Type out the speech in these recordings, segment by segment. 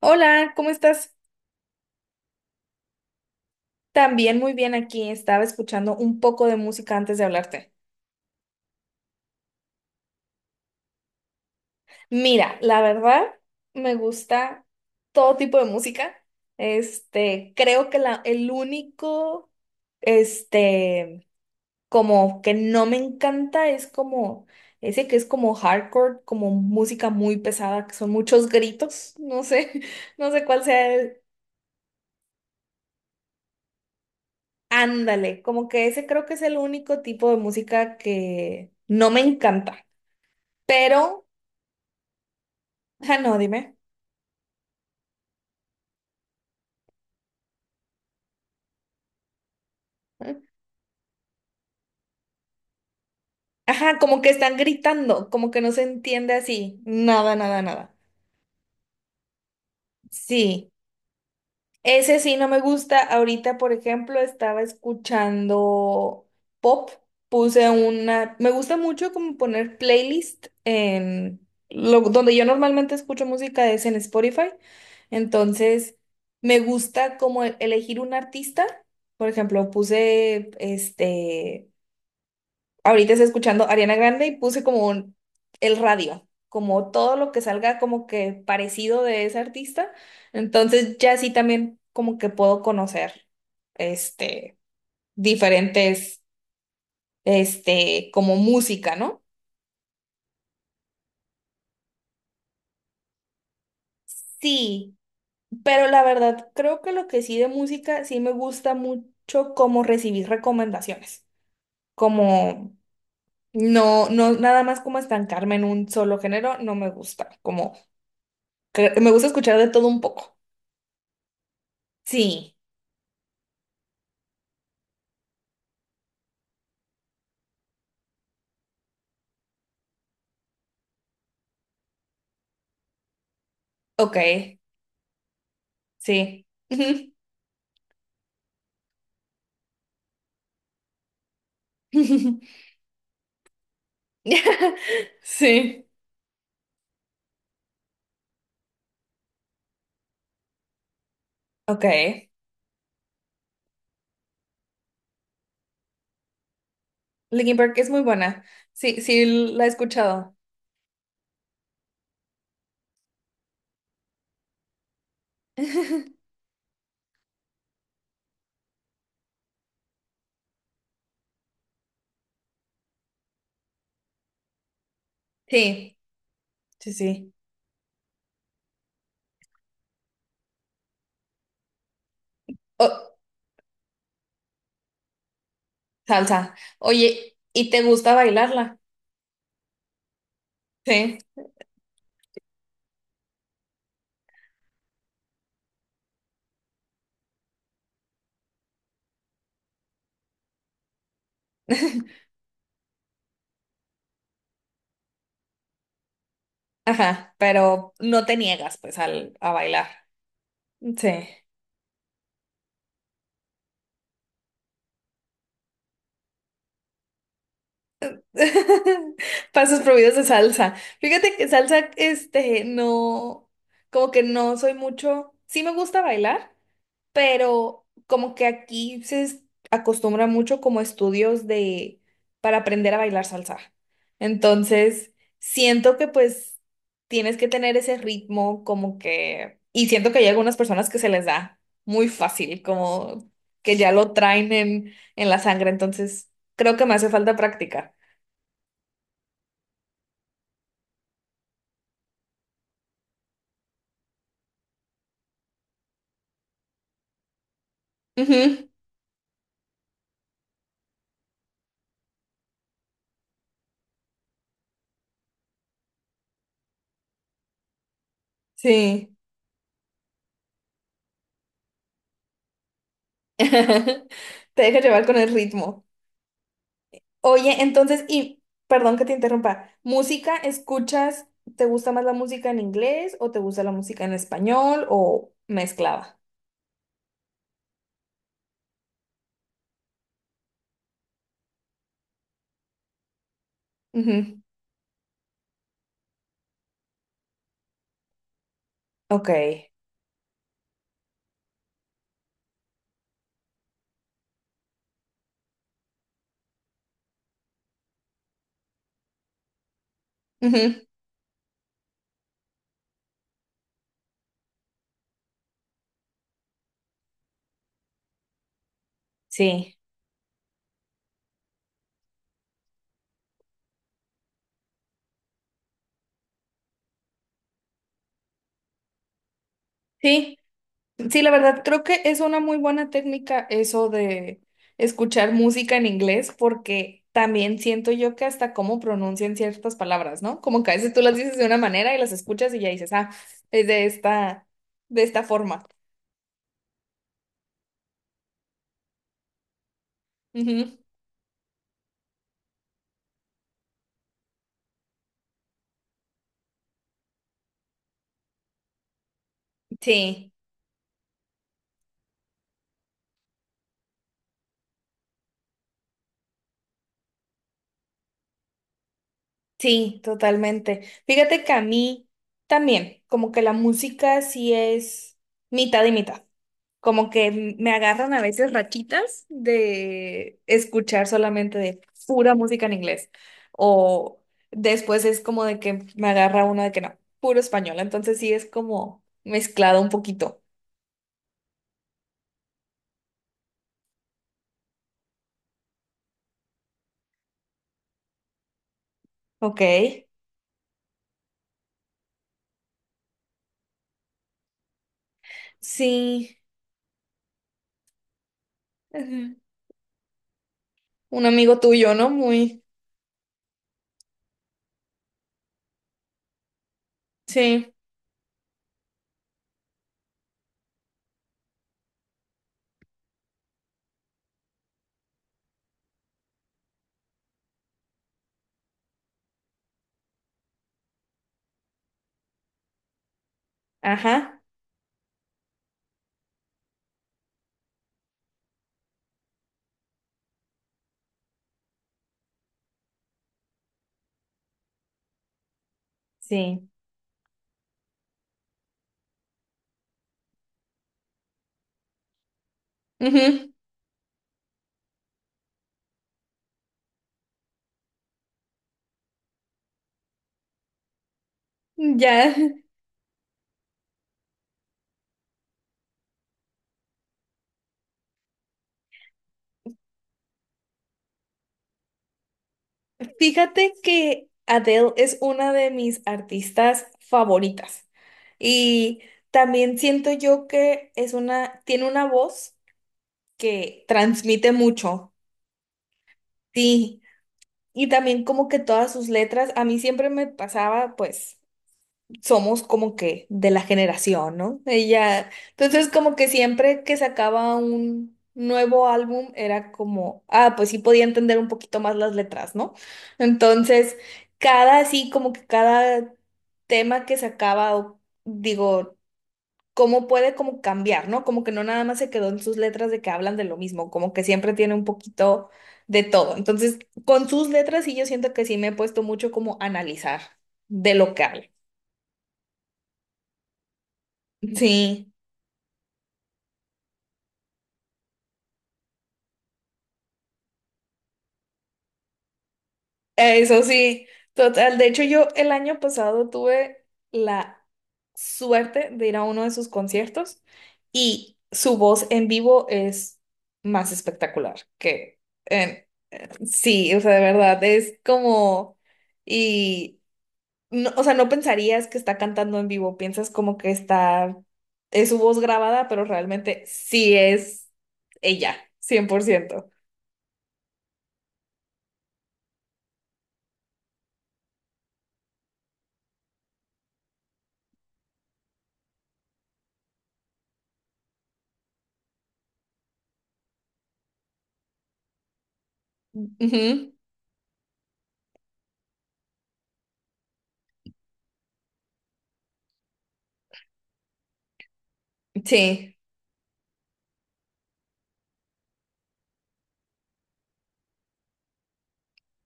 Hola, ¿cómo estás? También muy bien aquí. Estaba escuchando un poco de música antes de hablarte. Mira, la verdad, me gusta todo tipo de música. Creo que el único, este, como que no me encanta es como ese que es como hardcore, como música muy pesada, que son muchos gritos. No sé, no sé cuál sea el. Ándale, como que ese creo que es el único tipo de música que no me encanta. Pero, ajá, no, dime. Ajá, como que están gritando, como que no se entiende así. Nada, nada, nada. Sí, ese sí no me gusta. Ahorita, por ejemplo, estaba escuchando pop. Puse una... Me gusta mucho como poner playlist en... Lo... Donde yo normalmente escucho música es en Spotify. Entonces, me gusta como elegir un artista. Por ejemplo, puse este... Ahorita estoy escuchando Ariana Grande y puse como el radio, como todo lo que salga como que parecido de ese artista. Entonces ya sí también como que puedo conocer este diferentes como música, ¿no? Sí, pero la verdad creo que lo que sí de música sí me gusta mucho como recibir recomendaciones. Como no nada más como estancarme en un solo género, no me gusta. Como que me gusta escuchar de todo un poco. Sí, ok, sí. Ujú. Sí, ok. Linkin Park es muy buena. Sí, sí, la he escuchado. Sí, sí, sí. Oh, salsa. Oye, ¿y te gusta bailarla? Sí. Ajá, pero no te niegas pues al, a bailar. Sí. Pasos prohibidos de salsa. Fíjate que salsa, no, como que no soy mucho, sí me gusta bailar, pero como que aquí se acostumbra mucho como estudios de, para aprender a bailar salsa. Entonces, siento que pues tienes que tener ese ritmo como que, y siento que hay algunas personas que se les da muy fácil, como que ya lo traen en la sangre, entonces creo que me hace falta práctica. Ujú. Sí. Te deja llevar con el ritmo. Oye, entonces, y perdón que te interrumpa, ¿música escuchas? ¿Te gusta más la música en inglés o te gusta la música en español o mezclada? Ujú. Ok. Ujú. Sí. Sí. Sí, la verdad, creo que es una muy buena técnica eso de escuchar música en inglés, porque también siento yo que hasta cómo pronuncian ciertas palabras, ¿no? Como que a veces tú las dices de una manera y las escuchas y ya dices, ah, es de de esta forma. Ujú. Sí, sí, totalmente. Fíjate que a mí también, como que la música sí es mitad y mitad, como que me agarran a veces rachitas de escuchar solamente de pura música en inglés. O después es como de que me agarra una de que no, puro español. Entonces sí es como mezclado un poquito. Ok. Sí. Ujú. Un amigo tuyo, ¿no? Muy. Sí. Ajá. Sí. Ujú. Ya. Fíjate que Adele es una de mis artistas favoritas y también siento yo que es una, tiene una voz que transmite mucho, sí, y también como que todas sus letras, a mí siempre me pasaba pues somos como que de la generación, ¿no? Ella, entonces como que siempre que sacaba un nuevo álbum era como, ah, pues sí podía entender un poquito más las letras, ¿no? Entonces, cada así como que cada tema que sacaba, digo, cómo puede como cambiar, ¿no? Como que no nada más se quedó en sus letras de que hablan de lo mismo, como que siempre tiene un poquito de todo. Entonces, con sus letras sí yo siento que sí me he puesto mucho como a analizar de lo que habla. Sí. Eso sí, total. De hecho, yo el año pasado tuve la suerte de ir a uno de sus conciertos y su voz en vivo es más espectacular que en... Sí, o sea, de verdad, es como... Y, o sea, no pensarías que está cantando en vivo, piensas como que está... Es su voz grabada, pero realmente sí es ella, 100%. Ujú. Sí.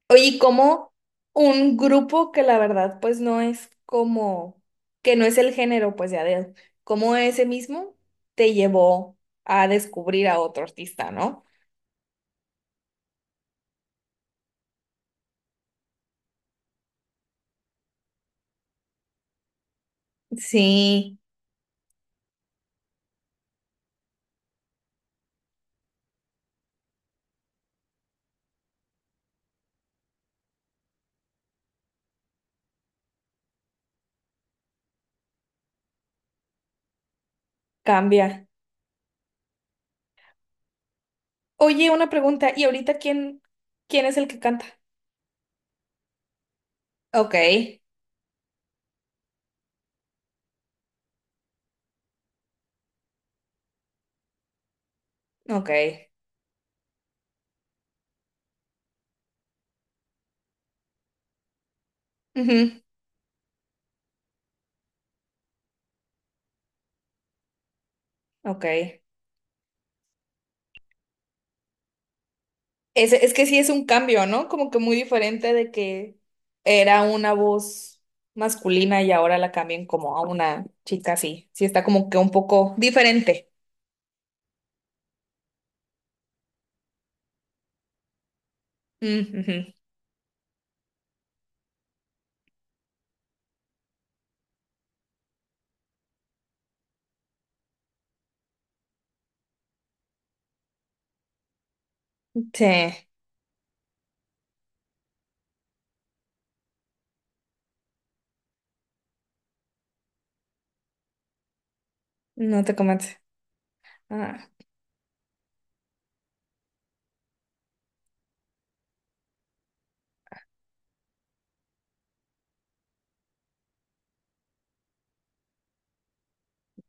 Oye, ¿y ¿cómo un grupo que la verdad pues no es como, que no es el género pues ya de él, cómo ese mismo te llevó a descubrir a otro artista, ¿no? Sí, cambia. Oye, una pregunta, ¿y ahorita quién, quién es el que canta? Ok, ok, ujú, ok. Es que sí es un cambio, ¿no? Como que muy diferente de que era una voz masculina y ahora la cambian como a una chica así. Sí está como que un poco diferente. Mm, ujú. Sí, no te convence. Ah,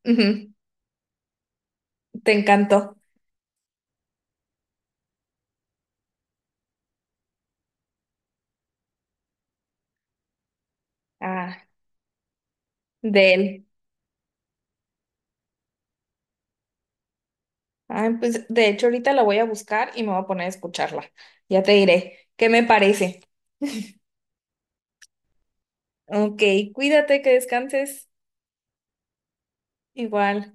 ujú. Te encantó. Ah, de él. Ah, pues de hecho ahorita la voy a buscar y me voy a poner a escucharla. Ya te diré qué me parece. Ok, cuídate, que descanses. Igual.